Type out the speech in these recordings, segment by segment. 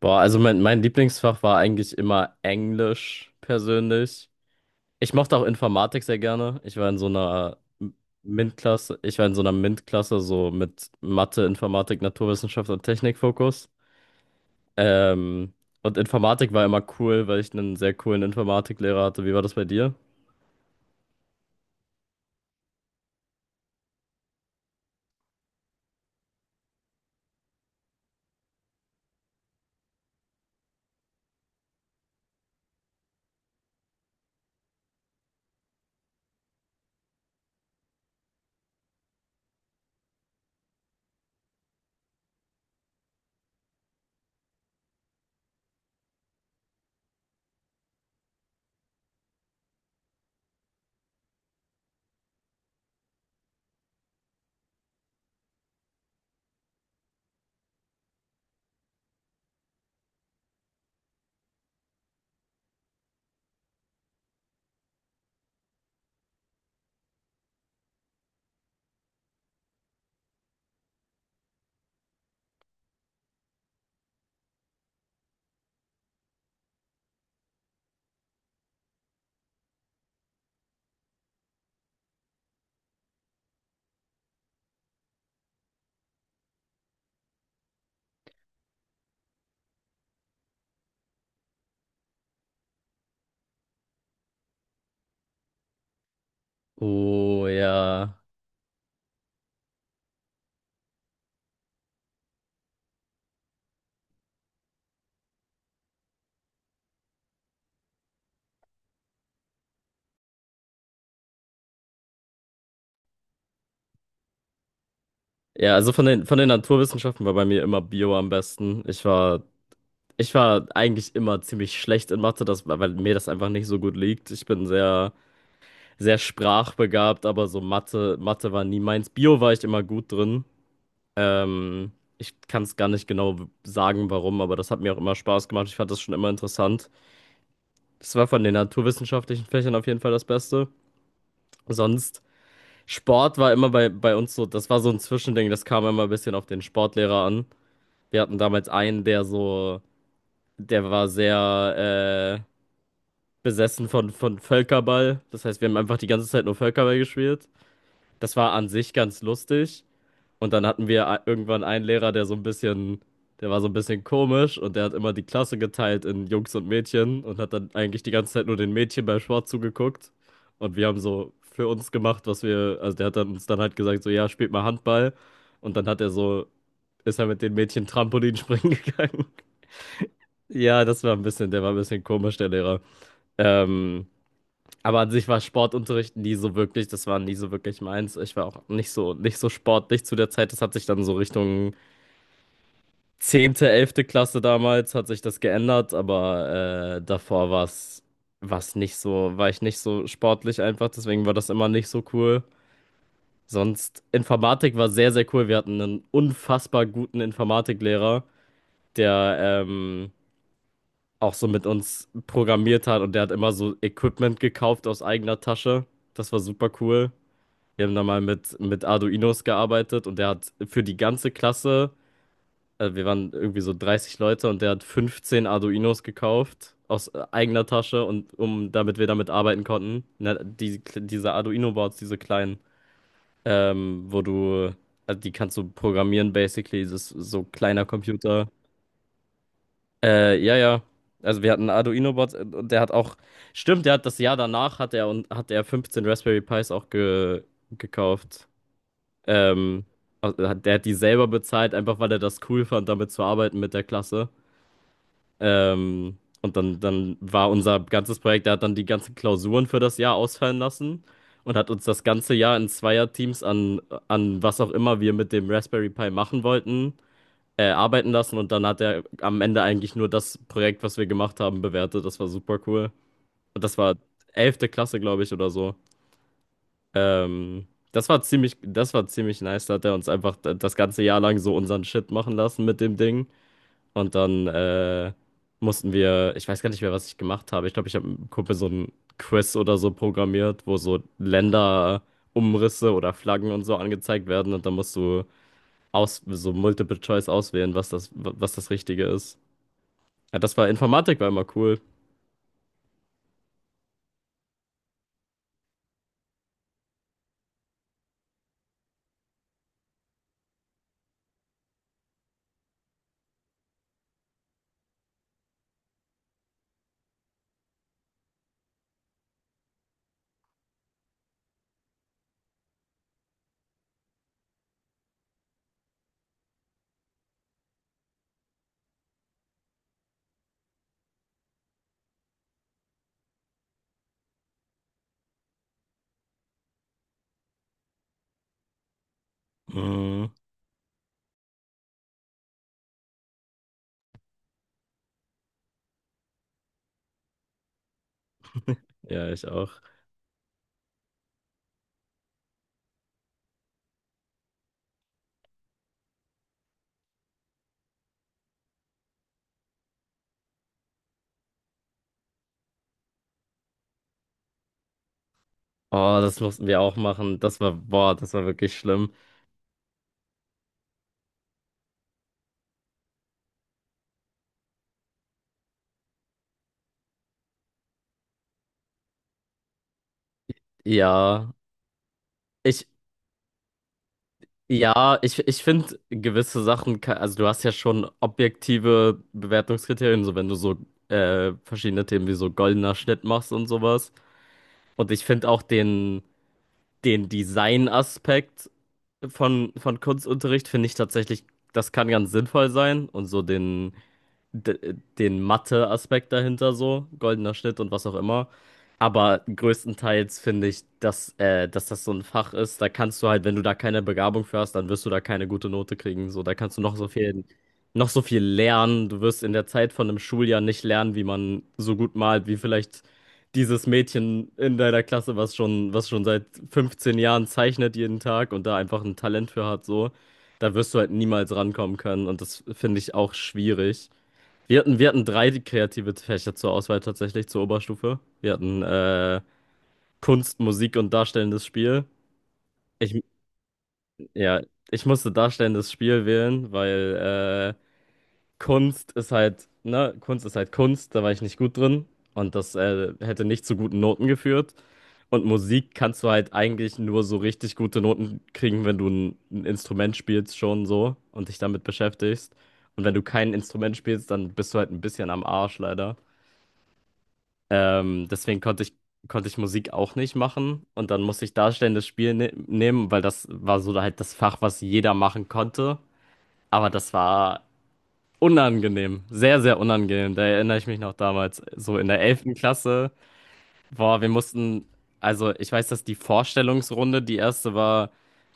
Boah, also mein Lieblingsfach war eigentlich immer Englisch persönlich. Ich mochte auch Informatik sehr gerne. Ich war in so einer MINT-Klasse, so mit Mathe, Informatik, Naturwissenschaft und Technikfokus. Ähm, und Informatik war immer cool, weil ich einen sehr coolen Informatiklehrer hatte. Wie war das bei dir? Oh ja. Ja, also von den Naturwissenschaften war bei mir immer Bio am besten. Ich war eigentlich immer ziemlich schlecht in Mathe, weil mir das einfach nicht so gut liegt. Ich bin sehr, sehr sprachbegabt, aber so Mathe, Mathe war nie meins. Bio war ich immer gut drin. Ähm, Ich kann es gar nicht genau sagen, warum, aber das hat mir auch immer Spaß gemacht. Ich fand das schon immer interessant. Das war von den naturwissenschaftlichen Fächern auf jeden Fall das Beste. Sonst, Sport war immer bei uns so, das war so ein Zwischending, das kam immer ein bisschen auf den Sportlehrer an. Wir hatten damals einen, der war sehr besessen von Völkerball. Das heißt, wir haben einfach die ganze Zeit nur Völkerball gespielt. Das war an sich ganz lustig. Und dann hatten wir irgendwann einen Lehrer, der war so ein bisschen komisch und der hat immer die Klasse geteilt in Jungs und Mädchen und hat dann eigentlich die ganze Zeit nur den Mädchen beim Sport zugeguckt. Und wir haben so für uns gemacht, also der hat dann uns dann halt gesagt, so ja, spielt mal Handball. Und dann ist er mit den Mädchen Trampolin springen gegangen. Ja, das war der war ein bisschen komisch, der Lehrer. Ähm, aber an sich war Sportunterricht nie so wirklich, das war nie so wirklich meins. Ich war auch nicht so sportlich zu der Zeit. Das hat sich dann so Richtung 10., 11. Klasse damals hat sich das geändert, aber davor war ich nicht so sportlich einfach, deswegen war das immer nicht so cool. Sonst, Informatik war sehr, sehr cool. Wir hatten einen unfassbar guten Informatiklehrer, der ähm, auch so mit uns programmiert hat und der hat immer so Equipment gekauft aus eigener Tasche. Das war super cool. Wir haben da mal mit Arduinos gearbeitet und der hat für die ganze Klasse wir waren irgendwie so 30 Leute und der hat 15 Arduinos gekauft aus eigener Tasche und um damit wir damit arbeiten konnten. Na, diese Arduino-Boards, diese kleinen, ähm, wo du, also die kannst du programmieren, basically, das ist so kleiner Computer. Ja, ja. Also wir hatten Arduino-Boards, und der hat auch, stimmt, der hat das Jahr danach hat er und hat er 15 Raspberry Pis auch gekauft. Ähm, also der hat die selber bezahlt, einfach weil er das cool fand, damit zu arbeiten mit der Klasse. Und dann war unser ganzes Projekt, der hat dann die ganzen Klausuren für das Jahr ausfallen lassen und hat uns das ganze Jahr in Zweierteams an was auch immer wir mit dem Raspberry Pi machen wollten, arbeiten lassen. Und dann hat er am Ende eigentlich nur das Projekt, was wir gemacht haben, bewertet. Das war super cool. Und das war 11. Klasse, glaube ich, oder so. Ähm, das war ziemlich nice. Da hat er uns einfach das ganze Jahr lang so unseren Shit machen lassen mit dem Ding. Und dann ich weiß gar nicht mehr, was ich gemacht habe. Ich glaube, ich habe mit einem Kumpel so ein Quiz oder so programmiert, wo so Länderumrisse oder Flaggen und so angezeigt werden. Und dann musst du so Multiple Choice auswählen, was was das Richtige ist. Ja, das war Informatik, war immer cool. Mhm. Ja, ich auch. Oh, das mussten wir auch machen. Das war, boah, das war wirklich schlimm. Ja, ich, Ja, ich finde gewisse Sachen, also du hast ja schon objektive Bewertungskriterien, so wenn du so verschiedene Themen wie so goldener Schnitt machst und sowas. Und ich finde auch den Design-Aspekt von Kunstunterricht, finde ich tatsächlich, das kann ganz sinnvoll sein und so den den Mathe-Aspekt dahinter so, goldener Schnitt und was auch immer. Aber größtenteils finde ich, dass das so ein Fach ist, da kannst du halt, wenn du da keine Begabung für hast, dann wirst du da keine gute Note kriegen. So, da kannst du noch so viel lernen. Du wirst in der Zeit von einem Schuljahr nicht lernen, wie man so gut malt, wie vielleicht dieses Mädchen in deiner Klasse, was schon seit 15 Jahren zeichnet jeden Tag und da einfach ein Talent für hat, so. Da wirst du halt niemals rankommen können und das finde ich auch schwierig. Wir hatten drei kreative Fächer zur Auswahl tatsächlich zur Oberstufe. Wir hatten Kunst, Musik und darstellendes Spiel. Ich, ja, ich musste darstellendes Spiel wählen, weil Kunst ist halt, ne, Kunst ist halt Kunst, da war ich nicht gut drin und das hätte nicht zu guten Noten geführt. Und Musik kannst du halt eigentlich nur so richtig gute Noten kriegen, wenn du ein Instrument spielst schon so und dich damit beschäftigst. Und wenn du kein Instrument spielst, dann bist du halt ein bisschen am Arsch leider. Deswegen konnte ich Musik auch nicht machen. Und dann musste ich darstellendes Spiel nehmen, weil das war so halt das Fach, was jeder machen konnte. Aber das war unangenehm, sehr, sehr unangenehm. Da erinnere ich mich noch damals, so in der 11. Klasse. Boah, also ich weiß, dass die Vorstellungsrunde, die erste war,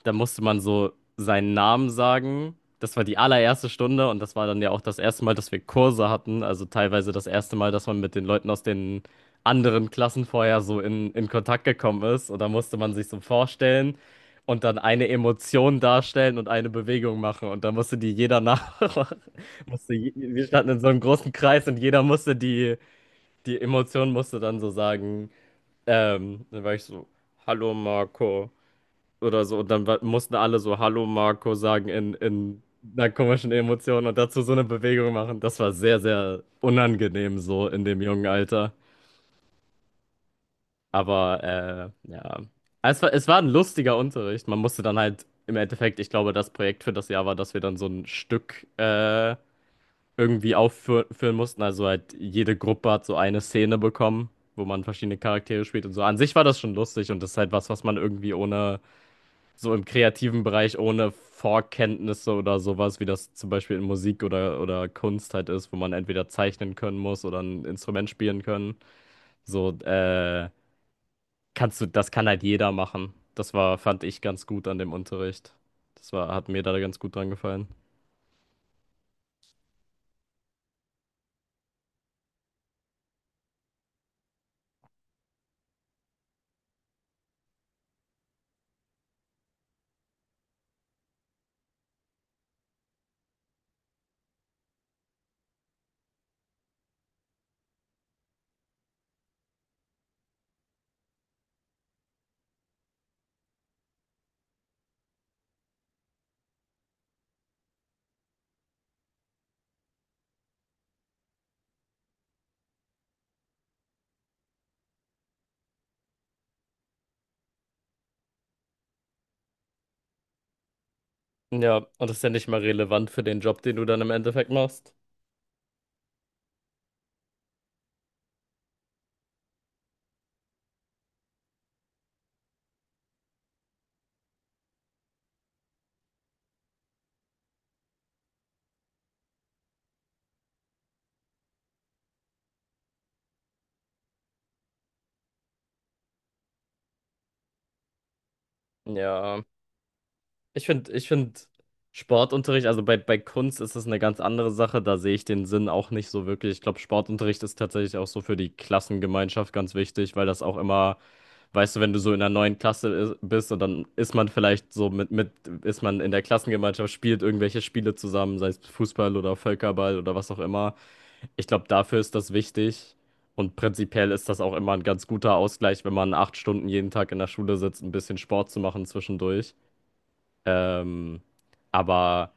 da musste man so seinen Namen sagen. Das war die allererste Stunde und das war dann ja auch das erste Mal, dass wir Kurse hatten. Also teilweise das erste Mal, dass man mit den Leuten aus den anderen Klassen vorher so in Kontakt gekommen ist. Und da musste man sich so vorstellen und dann eine Emotion darstellen und eine Bewegung machen. Und da musste die jeder nachmachen. Wir standen in so einem großen Kreis und jeder musste die Emotion musste dann so sagen. Dann war ich so, Hallo Marco oder so. Und dann mussten alle so Hallo Marco sagen in einer komischen Emotion und dazu so eine Bewegung machen. Das war sehr, sehr unangenehm so in dem jungen Alter. Aber ja, es war ein lustiger Unterricht. Man musste dann halt im Endeffekt, ich glaube, das Projekt für das Jahr war, dass wir dann so ein Stück irgendwie aufführen mussten. Also halt jede Gruppe hat so eine Szene bekommen, wo man verschiedene Charaktere spielt und so. An sich war das schon lustig und das ist halt was, was man irgendwie ohne, so im kreativen Bereich, ohne Vorkenntnisse oder sowas, wie das zum Beispiel in Musik oder Kunst halt ist, wo man entweder zeichnen können muss oder ein Instrument spielen können. So, das kann halt jeder machen. Das war, fand ich ganz gut an dem Unterricht. Das war, hat mir da ganz gut dran gefallen. Ja, und das ist ja nicht mal relevant für den Job, den du dann im Endeffekt machst. Ja, ich finde Sportunterricht, also bei Kunst ist es eine ganz andere Sache, da sehe ich den Sinn auch nicht so wirklich. Ich glaube, Sportunterricht ist tatsächlich auch so für die Klassengemeinschaft ganz wichtig, weil das auch immer, weißt du, wenn du so in einer neuen Klasse bist und dann ist man vielleicht so ist man in der Klassengemeinschaft, spielt irgendwelche Spiele zusammen, sei es Fußball oder Völkerball oder was auch immer. Ich glaube, dafür ist das wichtig. Und prinzipiell ist das auch immer ein ganz guter Ausgleich, wenn man 8 Stunden jeden Tag in der Schule sitzt, ein bisschen Sport zu machen zwischendurch. Ähm, aber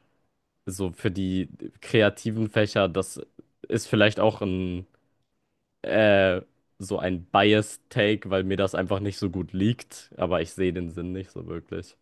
so für die kreativen Fächer, das ist vielleicht auch ein äh, so ein Biased Take, weil mir das einfach nicht so gut liegt, aber ich sehe den Sinn nicht so wirklich.